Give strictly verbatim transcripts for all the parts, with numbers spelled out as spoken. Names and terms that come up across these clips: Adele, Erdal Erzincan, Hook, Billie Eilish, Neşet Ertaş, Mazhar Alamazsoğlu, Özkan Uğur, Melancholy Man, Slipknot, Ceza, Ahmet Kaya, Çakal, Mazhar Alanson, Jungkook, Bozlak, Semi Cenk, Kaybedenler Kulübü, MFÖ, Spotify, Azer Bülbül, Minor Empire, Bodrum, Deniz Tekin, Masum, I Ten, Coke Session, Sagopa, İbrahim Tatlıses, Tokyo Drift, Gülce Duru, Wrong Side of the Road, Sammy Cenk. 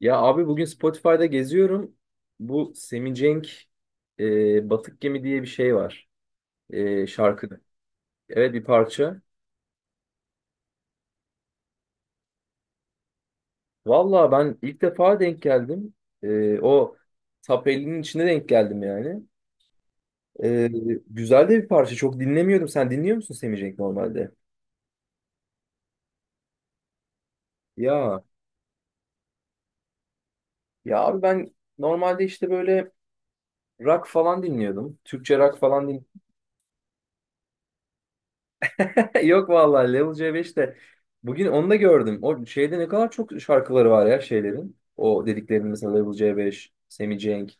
Ya abi bugün Spotify'da geziyorum. Bu Semi Cenk e, Batık Gemi diye bir şey var. E, şarkı. Evet, bir parça. Valla ben ilk defa denk geldim. E, o Top ellinin içine denk geldim yani. E, güzel de bir parça. Çok dinlemiyordum. Sen dinliyor musun Semi Cenk normalde? Ya. Ya abi ben normalde işte böyle rock falan dinliyordum. Türkçe rock falan dinliyordum. Yok vallahi Level C beş bugün onu da gördüm. O şeyde ne kadar çok şarkıları var ya şeylerin. O dediklerinin mesela Level C beş, Sammy Cenk.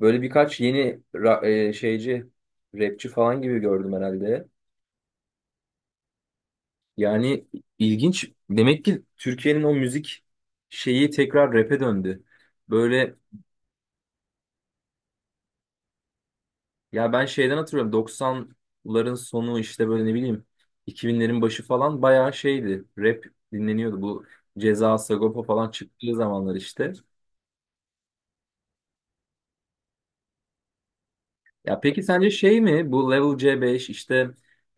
Böyle birkaç yeni ra- e, şeyci, rapçi falan gibi gördüm herhalde. Yani ilginç. Demek ki Türkiye'nin o müzik şeyi tekrar rap'e döndü. Böyle. Ya ben şeyden hatırlıyorum, doksanların sonu işte böyle ne bileyim iki binlerin başı falan bayağı şeydi. Rap dinleniyordu, bu Ceza, Sagopa falan çıktığı zamanlar işte. Ya peki sence şey mi, bu Level C beş işte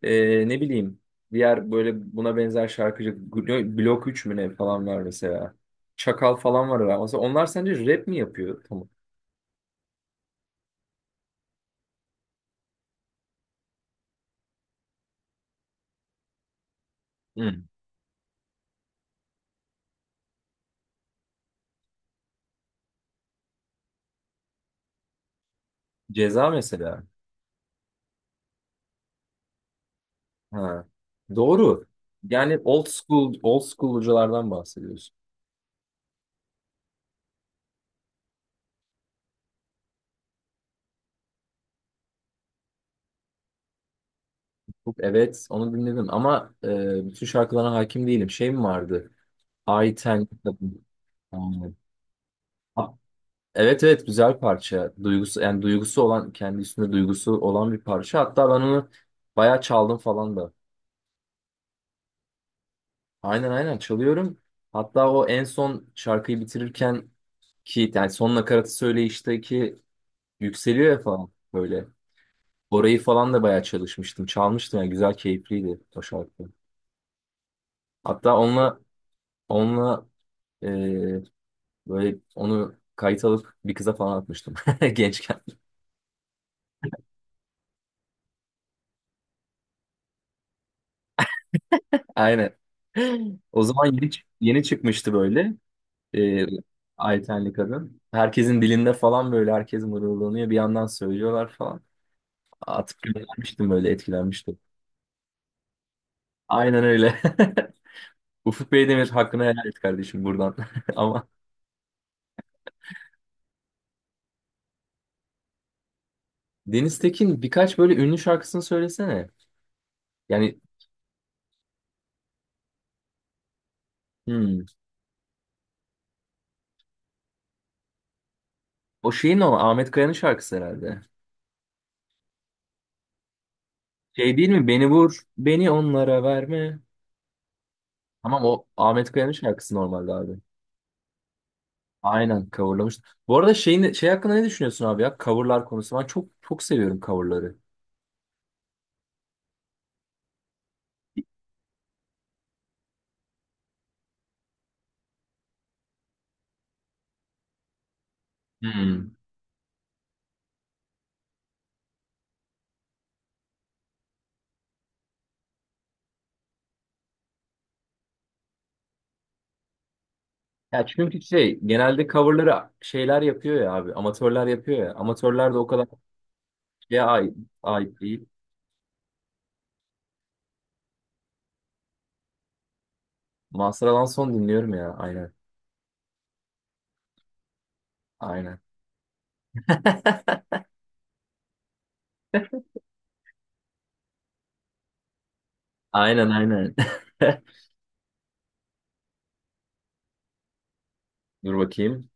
e, ne bileyim diğer böyle buna benzer şarkıcı Glo- Blok üç mü ne falan var mesela. Çakal falan var ya. Mesela onlar sence rap mi yapıyor? Tamam. Hı. Ceza mesela. Ha. Doğru. Yani old school, old school'culardan bahsediyorsun. Hook, Evet, onu dinledim ama e, bütün şarkılarına hakim değilim. Şey mi vardı? I Ten. Aynen. Ah, evet, evet, güzel parça. Duygusu, yani duygusu olan, kendi üstünde duygusu olan bir parça. Hatta ben onu bayağı çaldım falan da. Aynen, aynen, çalıyorum. Hatta o en son şarkıyı bitirirken ki yani son nakaratı söyleyişteki yükseliyor ya falan böyle. Orayı falan da bayağı çalışmıştım. Çalmıştım yani, güzel keyifliydi o şarkı. Hatta onunla onunla e, Böyle onu kayıt alıp bir kıza falan atmıştım gençken. Aynen. O zaman yeni, çık- yeni çıkmıştı böyle. E, Aytenli kadın. Herkesin dilinde falan, böyle herkes mırıldanıyor. Bir yandan söylüyorlar falan. Atıp göndermiştim, böyle etkilenmiştim. Aynen öyle. Ufuk Beydemir hakkını helal et kardeşim buradan. Ama Deniz Tekin, birkaç böyle ünlü şarkısını söylesene. Yani hmm, o şeyin, o Ahmet Kaya'nın şarkısı herhalde. Şey değil mi? Beni vur, beni onlara verme. Tamam, o Ahmet Kaya'nın şarkısı normalde abi. Aynen, coverlamış. Bu arada şeyin, şey hakkında ne düşünüyorsun abi ya? Coverlar konusu. Ben çok çok seviyorum coverları. Hmm. Ya çünkü şey, genelde coverları şeyler yapıyor ya abi. Amatörler yapıyor ya. Amatörler de o kadar şeye ait, ait değil. Mazhar Alanson dinliyorum ya. Aynen. Aynen. Aynen, aynen. Dur bakayım.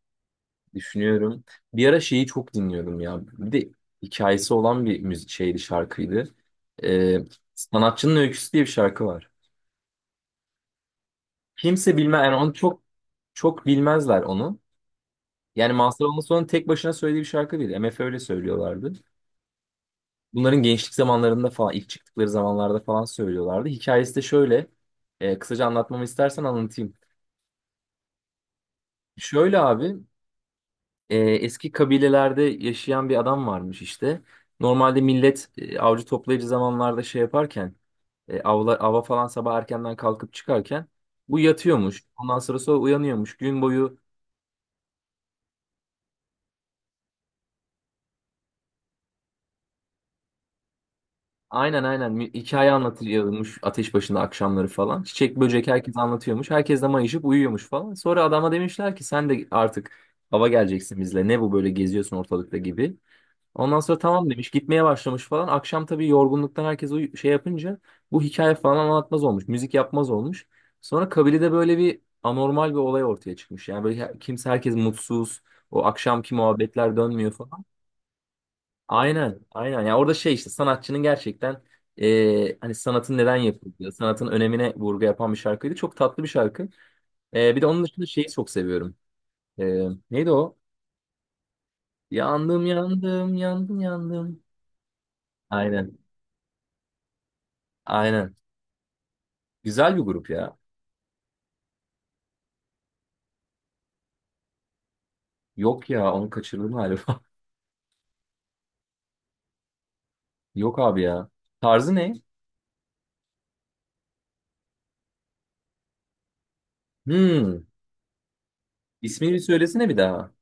Düşünüyorum. Bir ara şeyi çok dinliyordum ya. Bir de hikayesi olan bir müzik şeydi, şarkıydı. Ee, Sanatçının Öyküsü diye bir şarkı var. Kimse bilmez. Yani onu çok çok bilmezler onu. Yani Mazhar Alamazsoğlu'nun tek başına söylediği bir şarkı değil. M F öyle söylüyorlardı. Bunların gençlik zamanlarında falan, ilk çıktıkları zamanlarda falan söylüyorlardı. Hikayesi de şöyle. e, kısaca anlatmamı istersen anlatayım. Şöyle abi, e, eski kabilelerde yaşayan bir adam varmış işte. Normalde millet e, avcı toplayıcı zamanlarda şey yaparken, e, avla, ava falan sabah erkenden kalkıp çıkarken bu yatıyormuş. Ondan sonra sonra uyanıyormuş. Gün boyu. Aynen, aynen, hikaye anlatılıyormuş ateş başında akşamları falan. Çiçek böcek herkes anlatıyormuş. Herkes de mayışıp uyuyormuş falan. Sonra adama demişler ki sen de artık ava geleceksin bizle. Ne bu böyle geziyorsun ortalıkta gibi. Ondan sonra tamam demiş, gitmeye başlamış falan. Akşam tabii yorgunluktan herkes uyu- şey yapınca bu hikaye falan anlatmaz olmuş. Müzik yapmaz olmuş. Sonra kabilede böyle bir anormal bir olay ortaya çıkmış. Yani böyle her- kimse herkes mutsuz. O akşamki muhabbetler dönmüyor falan. Aynen, aynen. Ya orada şey, işte sanatçının gerçekten e, hani sanatın neden yapıldığı, sanatın önemine vurgu yapan bir şarkıydı. Çok tatlı bir şarkı. E, bir de onun dışında şeyi çok seviyorum. E, neydi o? Yandım, yandım, yandım, yandım. Aynen, aynen. Güzel bir grup ya. Yok ya, onu kaçırdım galiba. Yok abi ya. Tarzı ne? Hmm. İsmini bir söylesene bir daha.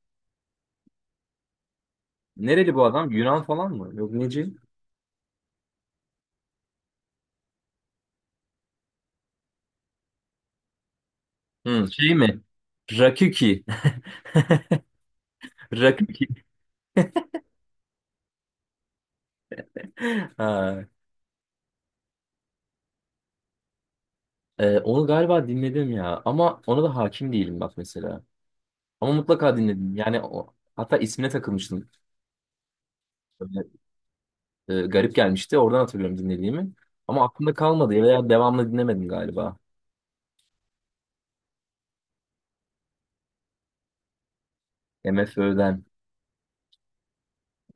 Nereli bu adam? Yunan falan mı? Yok, neci? Hmm, şey mi? Rakuki. Rakuki. Ha. Ee, onu galiba dinledim ya, ama ona da hakim değilim bak mesela. Ama mutlaka dinledim. Yani o, hatta ismine takılmıştım. Böyle, e, garip gelmişti. Oradan hatırlıyorum dinlediğimi. Ama aklımda kalmadı veya devamlı dinlemedim galiba. MFÖ'den.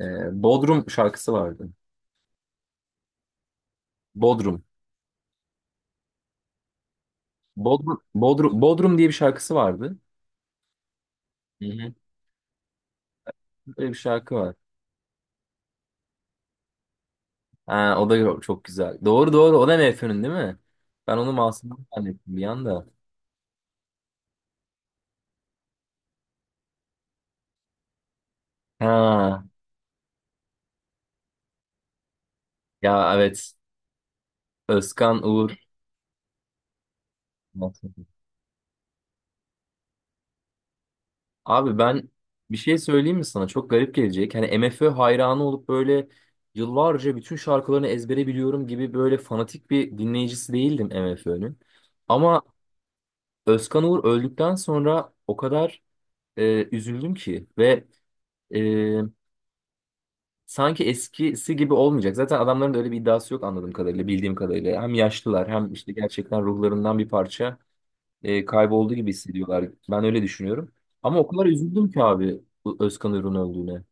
Ee, Bodrum şarkısı vardı. Bodrum. Bodrum, Bodrum, Bodrum diye bir şarkısı vardı. Hı hı. Böyle bir şarkı var. Ha, o da çok güzel. Doğru, doğru. O da MFÖ'nün değil mi? Ben onu Masum'dan zannettim bir anda. Ha, ya evet. Özkan Uğur. Abi ben bir şey söyleyeyim mi sana? Çok garip gelecek. Hani MFÖ hayranı olup böyle yıllarca bütün şarkılarını ezbere biliyorum gibi böyle fanatik bir dinleyicisi değildim MFÖ'nün. Ama Özkan Uğur öldükten sonra o kadar e, üzüldüm ki, ve e, sanki eskisi gibi olmayacak. Zaten adamların da öyle bir iddiası yok anladığım kadarıyla, bildiğim kadarıyla. Hem yaşlılar, hem işte gerçekten ruhlarından bir parça e, kaybolduğu gibi hissediyorlar. Ben öyle düşünüyorum. Ama o kadar üzüldüm ki abi, bu Özkan Uğur'un öldüğüne.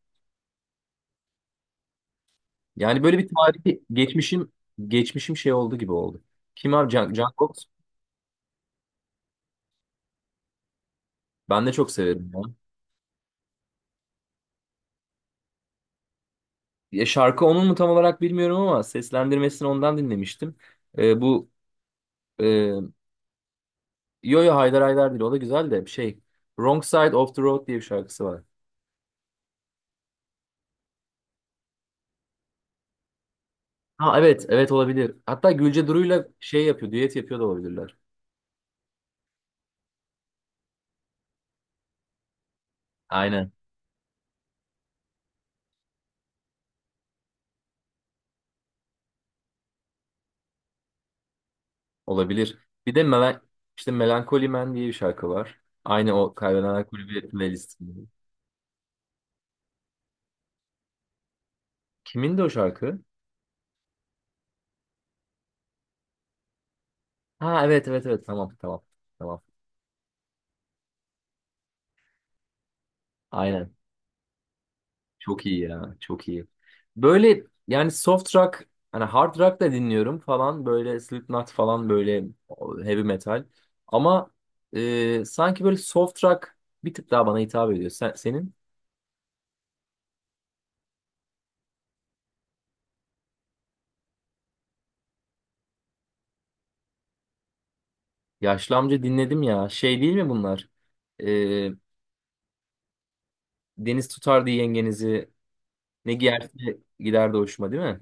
Yani böyle bir tarihi geçmişim, geçmişim şey oldu gibi oldu. Kim abi, Can, Jungkook? Ben de çok severim ya. Ya şarkı onun mu tam olarak bilmiyorum ama seslendirmesini ondan dinlemiştim. Ee, bu e, yo yo, Haydar Haydar değil, o da güzel de şey, Wrong Side of the Road diye bir şarkısı var. Ha evet, evet, olabilir. Hatta Gülce Duru'yla şey yapıyor, düet yapıyor da olabilirler. Aynen, olabilir. Bir de Melen, işte Melancholy Man diye bir şarkı var. Aynı o Kaybedenler Kulübü playlistinde. Kimin de o şarkı? Ha evet, evet, evet, tamam, tamam, tamam. Aynen. Çok iyi ya. Çok iyi. Böyle yani soft rock, hani hard rock da dinliyorum falan, böyle Slipknot falan böyle heavy metal. Ama e, sanki böyle soft rock bir tık daha bana hitap ediyor. Sen, senin Yaşlı Amca dinledim ya. Şey değil mi bunlar? E, Deniz tutardı yengenizi. Ne giyerse giderdi hoşuma değil mi?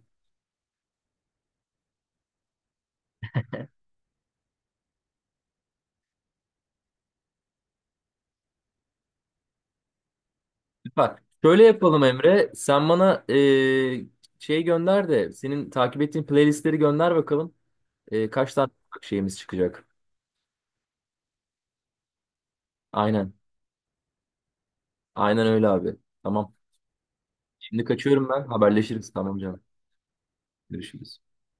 Bak şöyle yapalım Emre. Sen bana eee, şey gönder de, senin takip ettiğin playlistleri gönder bakalım. Eee, kaç tane şeyimiz çıkacak. Aynen. Aynen öyle abi. Tamam. Şimdi kaçıyorum ben. Haberleşiriz. Tamam canım. Görüşürüz.